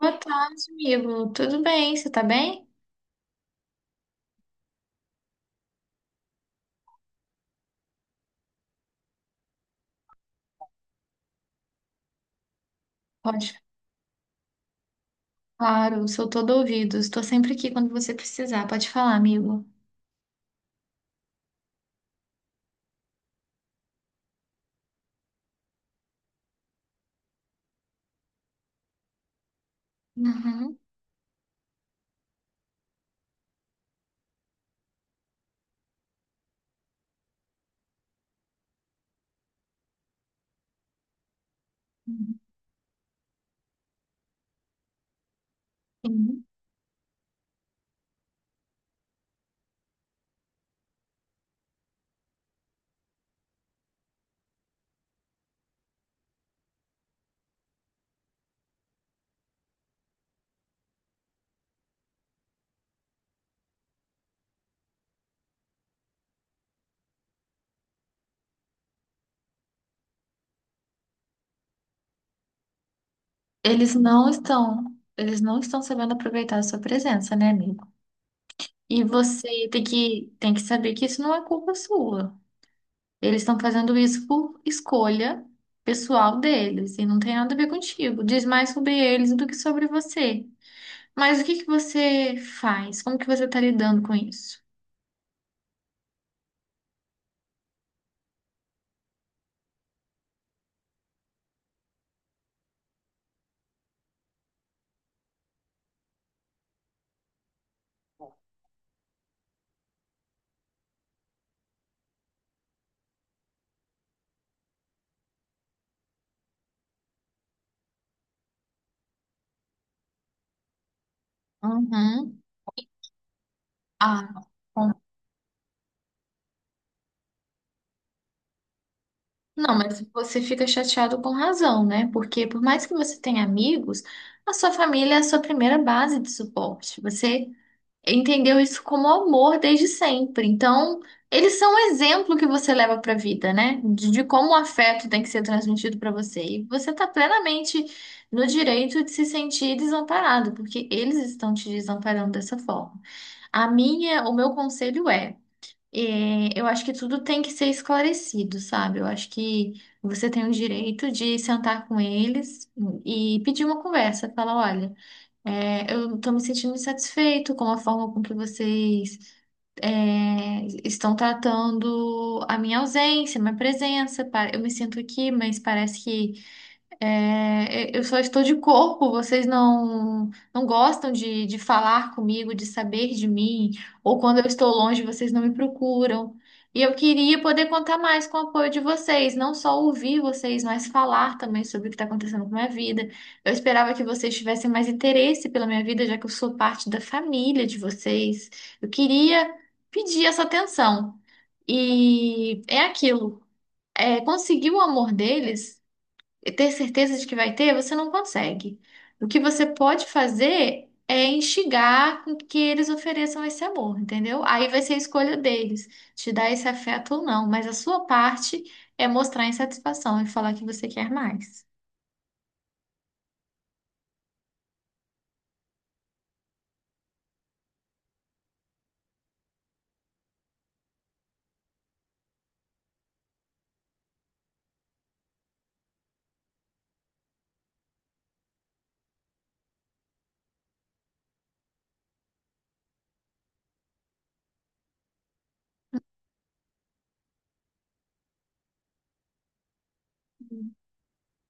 Boa tarde, amigo. Tudo bem? Você tá bem? Pode, claro, sou todo ouvido. Estou sempre aqui quando você precisar. Pode falar, amigo. Uhum. Sim. Eles não estão, eles não estão sabendo aproveitar a sua presença, né, amigo? E você tem que saber que isso não é culpa sua. Eles estão fazendo isso por escolha pessoal deles e não tem nada a ver contigo. Diz mais sobre eles do que sobre você. Mas o que que você faz? Como que você está lidando com isso? Uhum. Ah, bom. Não, mas você fica chateado com razão, né? Porque por mais que você tenha amigos, a sua família é a sua primeira base de suporte. Você entendeu isso como amor desde sempre. Então, eles são um exemplo que você leva para a vida, né? De como o afeto tem que ser transmitido para você. E você está plenamente no direito de se sentir desamparado, porque eles estão te desamparando dessa forma. O meu conselho é eu acho que tudo tem que ser esclarecido, sabe? Eu acho que você tem o direito de sentar com eles e pedir uma conversa, falar, olha, eu estou me sentindo insatisfeito com a forma com que vocês estão tratando a minha ausência, minha presença. Eu me sinto aqui, mas parece que eu só estou de corpo, vocês não gostam de falar comigo, de saber de mim, ou quando eu estou longe, vocês não me procuram. E eu queria poder contar mais com o apoio de vocês, não só ouvir vocês, mas falar também sobre o que está acontecendo com a minha vida. Eu esperava que vocês tivessem mais interesse pela minha vida, já que eu sou parte da família de vocês. Eu queria pedir essa atenção. E é aquilo. Conseguir o amor deles ter certeza de que vai ter, você não consegue. O que você pode fazer é instigar com que eles ofereçam esse amor, entendeu? Aí vai ser a escolha deles, te dar esse afeto ou não, mas a sua parte é mostrar insatisfação e falar que você quer mais.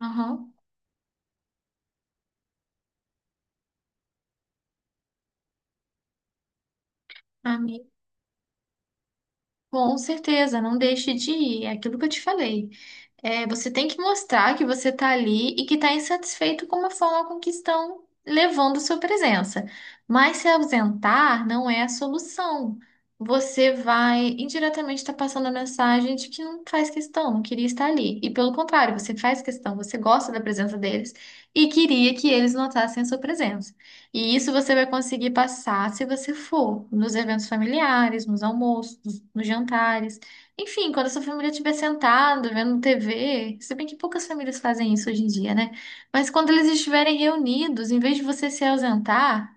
Aham. Amigo, com certeza, não deixe de ir, é aquilo que eu te falei. Você tem que mostrar que você está ali e que está insatisfeito com a forma com que estão levando sua presença. Mas se ausentar não é a solução. Você vai indiretamente estar passando a mensagem de que não faz questão, não queria estar ali. E pelo contrário, você faz questão, você gosta da presença deles e queria que eles notassem a sua presença. E isso você vai conseguir passar se você for nos eventos familiares, nos almoços, nos jantares. Enfim, quando a sua família estiver sentada, vendo TV, se bem que poucas famílias fazem isso hoje em dia, né? Mas quando eles estiverem reunidos, em vez de você se ausentar,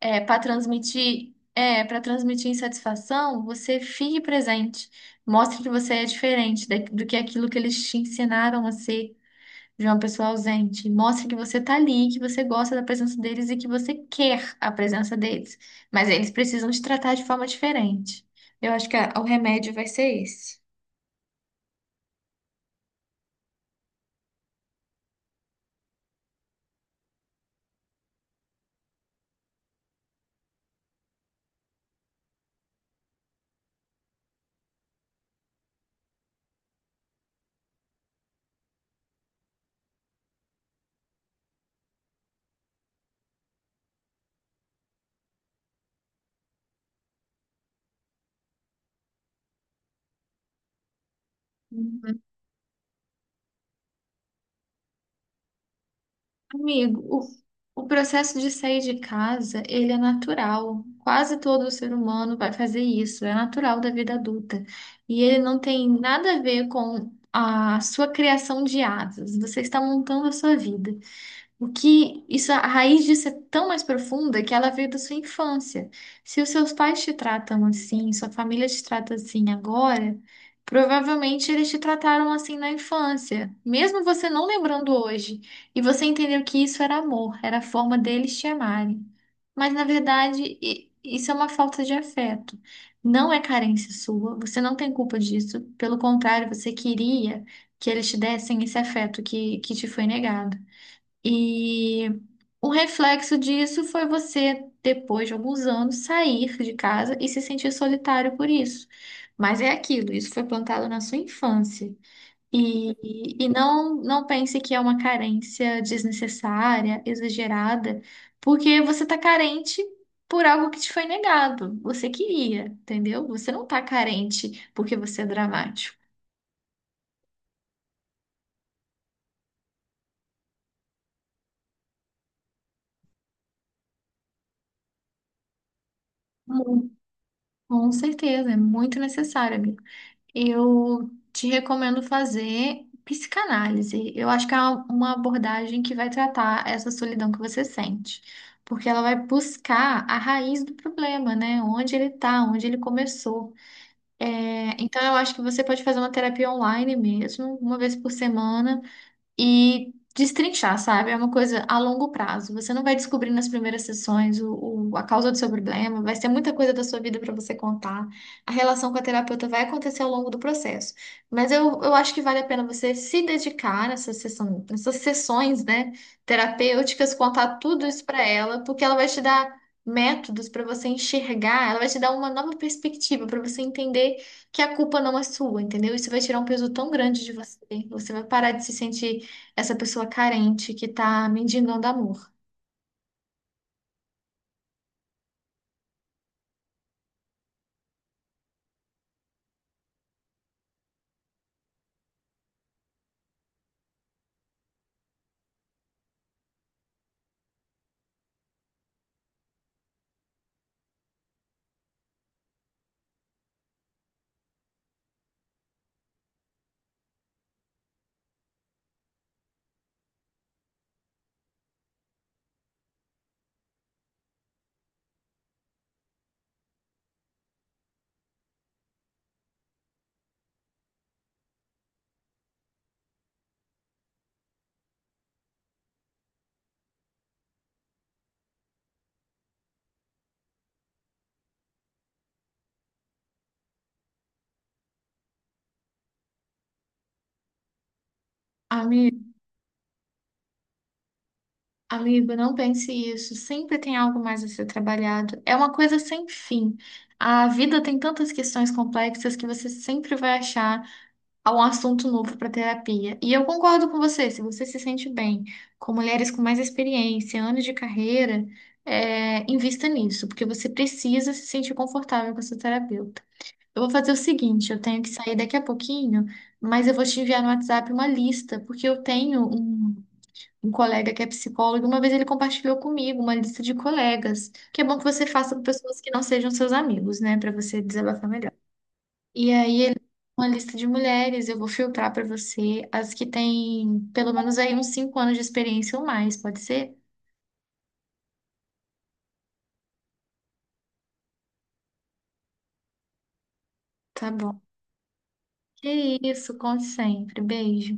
para transmitir insatisfação, você fique presente. Mostre que você é diferente do que aquilo que eles te ensinaram a ser de uma pessoa ausente. Mostre que você tá ali, que você gosta da presença deles e que você quer a presença deles. Mas eles precisam te tratar de forma diferente. Eu acho que o remédio vai ser esse. Uhum. Amigo, o processo de sair de casa, ele é natural. Quase todo ser humano vai fazer isso, é natural da vida adulta. E ele não tem nada a ver com a sua criação de asas. Você está montando a sua vida. O que isso, a raiz disso é tão mais profunda que ela veio da sua infância. Se os seus pais te tratam assim, sua família te trata assim agora, provavelmente eles te trataram assim na infância, mesmo você não lembrando hoje. E você entendeu que isso era amor, era a forma deles te amarem. Mas na verdade, isso é uma falta de afeto. Não é carência sua, você não tem culpa disso. Pelo contrário, você queria que eles te dessem esse afeto que te foi negado. E o reflexo disso foi você, depois de alguns anos, sair de casa e se sentir solitário por isso. Mas é aquilo, isso foi plantado na sua infância. E não pense que é uma carência desnecessária, exagerada, porque você está carente por algo que te foi negado. Você queria, entendeu? Você não está carente porque você é dramático. Mu- Com certeza, é muito necessário, amiga. Eu te recomendo fazer psicanálise. Eu acho que é uma abordagem que vai tratar essa solidão que você sente, porque ela vai buscar a raiz do problema, né? Onde ele tá, onde ele começou. É, então, eu acho que você pode fazer uma terapia online mesmo, uma vez por semana e destrinchar, sabe? É uma coisa a longo prazo. Você não vai descobrir nas primeiras sessões o, a causa do seu problema, vai ser muita coisa da sua vida para você contar. A relação com a terapeuta vai acontecer ao longo do processo. Mas eu acho que vale a pena você se dedicar nessa sessão, nessas sessões, né, terapêuticas, contar tudo isso para ela, porque ela vai te dar métodos para você enxergar, ela vai te dar uma nova perspectiva para você entender que a culpa não é sua, entendeu? Isso vai tirar um peso tão grande de você. Você vai parar de se sentir essa pessoa carente que tá mendigando amor. Amigo, amigo, não pense isso. Sempre tem algo mais a ser trabalhado. É uma coisa sem fim. A vida tem tantas questões complexas que você sempre vai achar um assunto novo para terapia. E eu concordo com você se sente bem com mulheres com mais experiência, anos de carreira, invista nisso, porque você precisa se sentir confortável com a sua terapeuta. Eu vou fazer o seguinte, eu tenho que sair daqui a pouquinho, mas eu vou te enviar no WhatsApp uma lista, porque eu tenho um, um colega que é psicólogo, uma vez ele compartilhou comigo uma lista de colegas, que é bom que você faça com pessoas que não sejam seus amigos, né, para você desabafar melhor. E aí ele uma lista de mulheres, eu vou filtrar para você as que têm pelo menos aí uns 5 anos de experiência ou mais, pode ser? Tá bom. Que isso, conte sempre. Beijo.